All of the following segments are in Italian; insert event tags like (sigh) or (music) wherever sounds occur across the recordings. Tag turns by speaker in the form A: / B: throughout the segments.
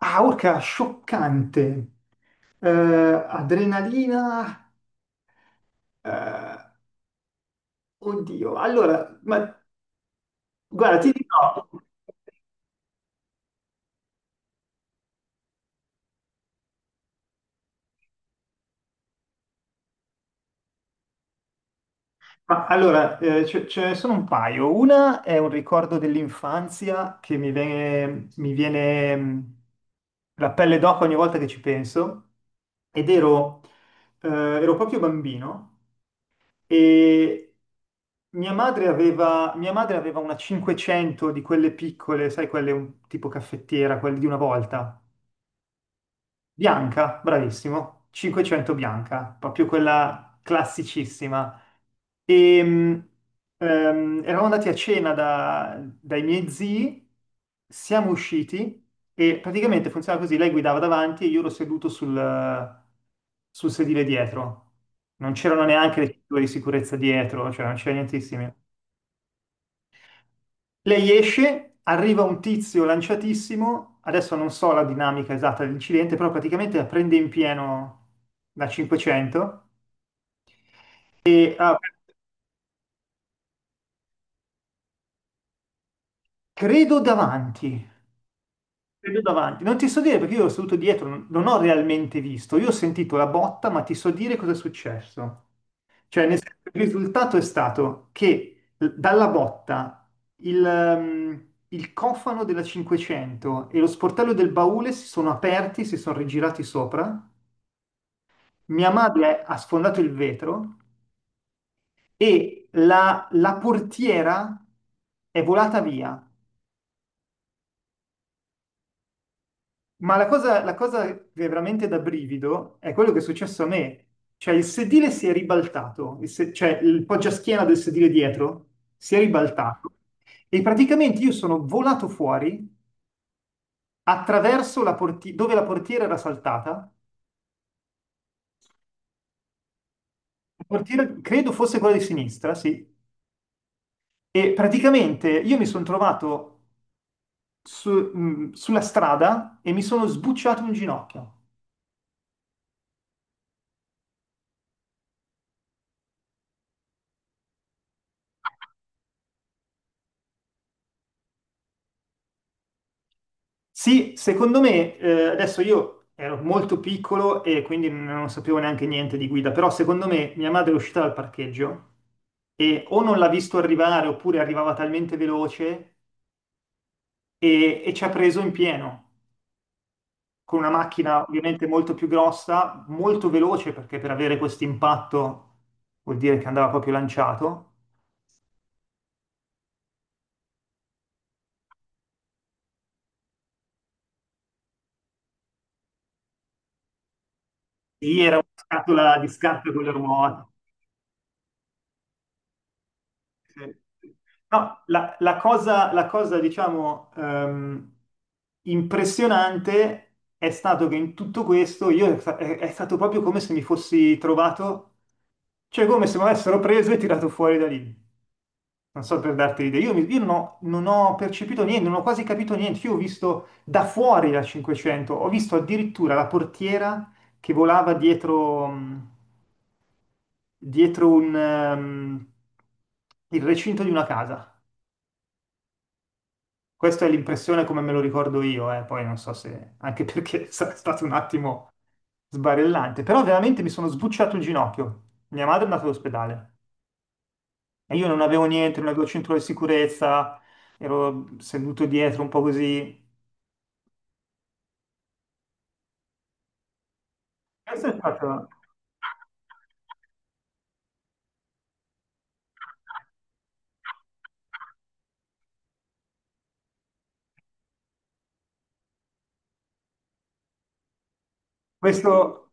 A: Ah, orca, scioccante. Adrenalina. eh, oddio. Allora, ma guarda, ti dico. Ma allora, ce ne sono un paio. Una è un ricordo dell'infanzia che mi viene la pelle d'oca ogni volta che ci penso. Ed ero, ero proprio bambino e mia madre aveva una 500 di quelle piccole, sai, tipo caffettiera, quelle di una volta. Bianca, bravissimo. 500 bianca, proprio quella classicissima. E, mh, Eravamo andati a cena dai miei zii, siamo usciti e praticamente funziona così, lei guidava davanti e io ero seduto sul sedile dietro. Non c'erano neanche le cinture di sicurezza dietro, cioè non c'era nientissimo. Lei esce, arriva un tizio lanciatissimo, adesso non so la dinamica esatta dell'incidente, però praticamente la prende in pieno da 500 e credo davanti, credo davanti. Non ti so dire perché io ero seduto dietro, non ho realmente visto, io ho sentito la botta, ma ti so dire cosa è successo. Cioè, nel senso, il risultato è stato che dalla botta il cofano della 500 e lo sportello del baule si sono aperti, si sono rigirati sopra. Mia madre ha sfondato il vetro e la portiera è volata via. Ma la cosa che è veramente da brivido è quello che è successo a me. Cioè il sedile si è ribaltato, il se- cioè il poggiaschiena del sedile dietro si è ribaltato e praticamente io sono volato fuori attraverso dove la portiera era saltata. La portiera credo fosse quella di sinistra, sì. E praticamente io mi sono trovato sulla strada e mi sono sbucciato un ginocchio. Sì, secondo me, adesso io ero molto piccolo e quindi non sapevo neanche niente di guida, però secondo me mia madre è uscita dal parcheggio e o non l'ha visto arrivare oppure arrivava talmente veloce e ci ha preso in pieno. Con una macchina ovviamente molto più grossa, molto veloce, perché per avere questo impatto vuol dire che andava proprio lanciato. Sì, era una scatola di scarpe con le ruote. Sì. No, la cosa, diciamo, impressionante è stato che in tutto questo io, è, sta- è stato proprio come se mi fossi trovato, cioè come se mi avessero preso e tirato fuori da lì. Non so, per darti l'idea, io non ho percepito niente, non ho quasi capito niente. Io ho visto da fuori la 500, ho visto addirittura la portiera che volava dietro, dietro il recinto di una casa. Questa è l'impressione come me lo ricordo io, eh. Poi non so se... anche perché (laughs) è stato un attimo sbarellante, però veramente mi sono sbucciato il ginocchio. Mia madre è andata all'ospedale e io non avevo niente, non avevo cinturone di sicurezza, ero seduto dietro un po' così. Questo è stato... Questo...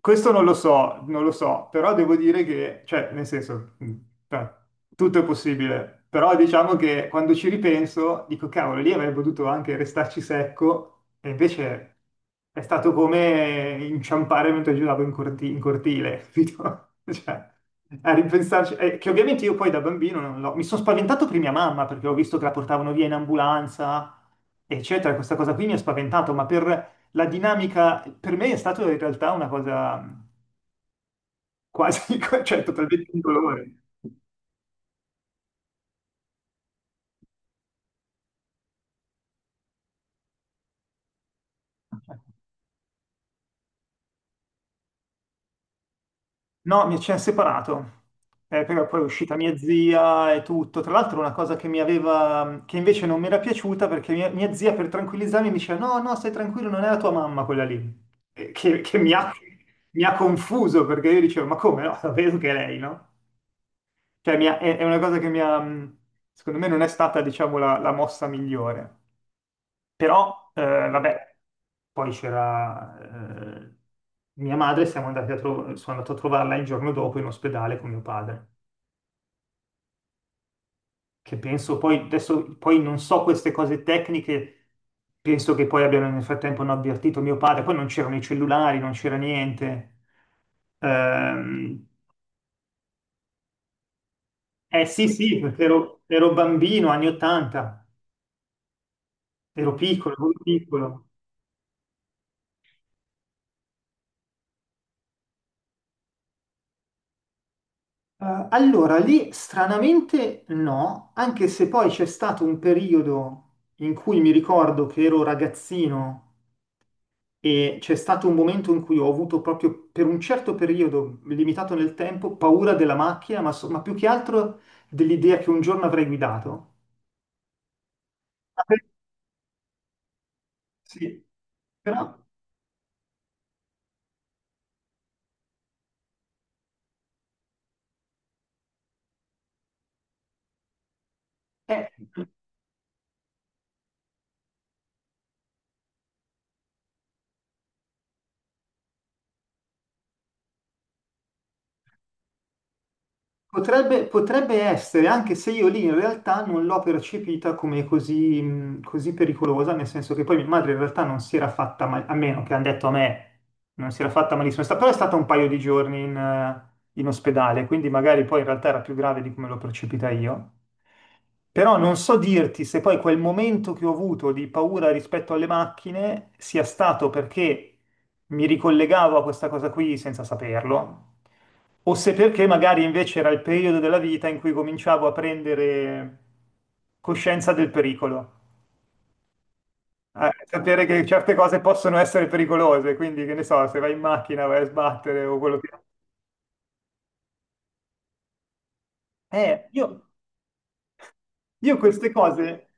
A: Questo non lo so, non lo so, però devo dire che, cioè, nel senso, cioè, tutto è possibile, però diciamo che quando ci ripenso dico, cavolo, lì avrei potuto anche restarci secco e invece è stato come inciampare mentre giravo in cortile, capito? (laughs) Cioè, a ripensarci, che ovviamente io poi da bambino non l'ho, mi sono spaventato per mia mamma perché ho visto che la portavano via in ambulanza, eccetera, questa cosa qui mi ha spaventato, ma per la dinamica per me è stata in realtà una cosa quasi, (laughs) cioè totalmente indolore. No, mi ci ha separato. Però poi è uscita mia zia e tutto. Tra l'altro una cosa che mi aveva, che invece non mi era piaciuta, perché mia zia per tranquillizzarmi mi diceva no, no, stai tranquillo, non è la tua mamma quella lì. Che mi ha confuso, perché io dicevo ma come no, sapevo che è lei, no? È, è una cosa che mi ha, secondo me non è stata, diciamo, la mossa migliore. Però vabbè. Poi c'era eh, mia madre, siamo andati a sono andato a trovarla il giorno dopo in ospedale con mio padre, che penso poi, adesso poi non so queste cose tecniche, penso che poi abbiano, nel frattempo hanno avvertito mio padre, poi non c'erano i cellulari, non c'era niente. Ehm, eh sì, sì, perché ero bambino, anni 80, ero piccolo, molto piccolo. Allora, lì stranamente no, anche se poi c'è stato un periodo in cui mi ricordo che ero ragazzino e c'è stato un momento in cui ho avuto proprio, per un certo periodo limitato nel tempo, paura della macchina, ma, ma più che altro dell'idea che un giorno avrei guidato. Ah, per- Sì, però... eh, potrebbe, potrebbe essere, anche se io lì in realtà non l'ho percepita come così, così pericolosa, nel senso che poi mia madre in realtà non si era fatta male, a meno che hanno detto a me, non si era fatta malissimo, però è stata un paio di giorni in ospedale, quindi magari poi in realtà era più grave di come l'ho percepita io. Però non so dirti se poi quel momento che ho avuto di paura rispetto alle macchine sia stato perché mi ricollegavo a questa cosa qui senza saperlo, o se perché magari invece era il periodo della vita in cui cominciavo a prendere coscienza del pericolo. A sapere che certe cose possono essere pericolose, quindi che ne so, se vai in macchina vai a sbattere o quello che... Eh, io, Io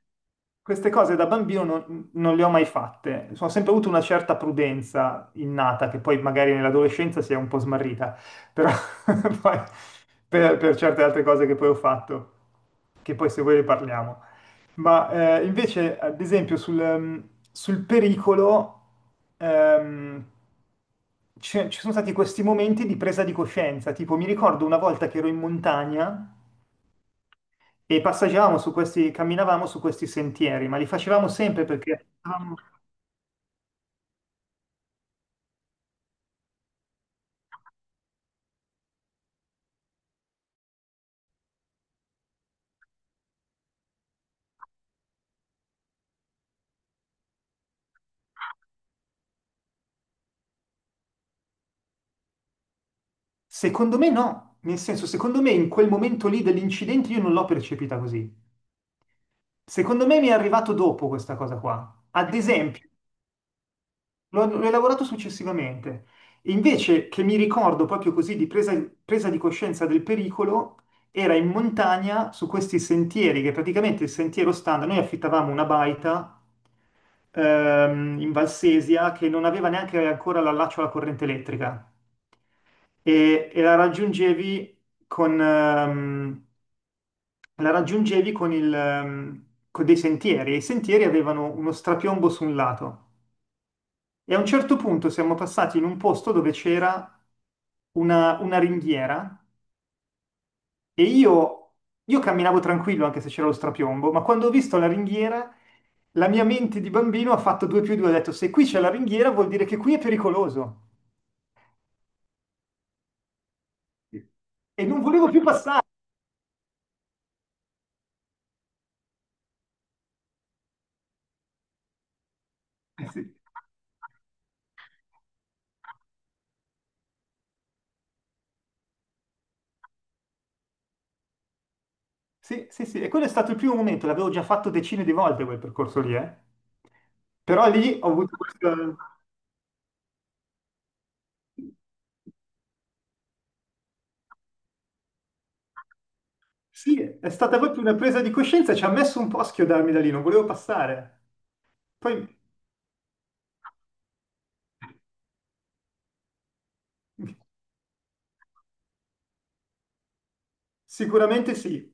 A: queste cose da bambino non le ho mai fatte. Ho sempre avuto una certa prudenza innata, che poi magari nell'adolescenza si è un po' smarrita, però (laughs) poi per certe altre cose che poi ho fatto, che poi se vuoi ne parliamo. Ma invece, ad esempio, sul pericolo, ehm, ci sono stati questi momenti di presa di coscienza. Tipo, mi ricordo una volta che ero in montagna e passeggiavamo su questi, camminavamo su questi sentieri, ma li facevamo sempre perché, secondo me no, nel senso, secondo me in quel momento lì dell'incidente io non l'ho percepita così. Secondo me mi è arrivato dopo questa cosa qua. Ad esempio, l'ho elaborato successivamente. Invece che mi ricordo proprio così di presa di coscienza del pericolo, era in montagna su questi sentieri, che praticamente il sentiero standard, noi affittavamo una baita in Valsesia, che non aveva neanche ancora l'allaccio alla corrente elettrica e con, ehm, la raggiungevi con, il, con dei sentieri, e i sentieri avevano uno strapiombo su un lato. E a un certo punto siamo passati in un posto dove c'era una ringhiera e io camminavo tranquillo anche se c'era lo strapiombo, ma quando ho visto la ringhiera, la mia mente di bambino ha fatto due più due, ha detto se qui c'è la ringhiera vuol dire che qui è pericoloso e non volevo più passare. Sì, sì. E quello è stato il primo momento, l'avevo già fatto decine di volte quel percorso lì, eh. Però lì ho avuto questa... Sì, è stata proprio una presa di coscienza, ci ha messo un po' a schiodarmi da lì, non volevo passare. Poi sicuramente sì,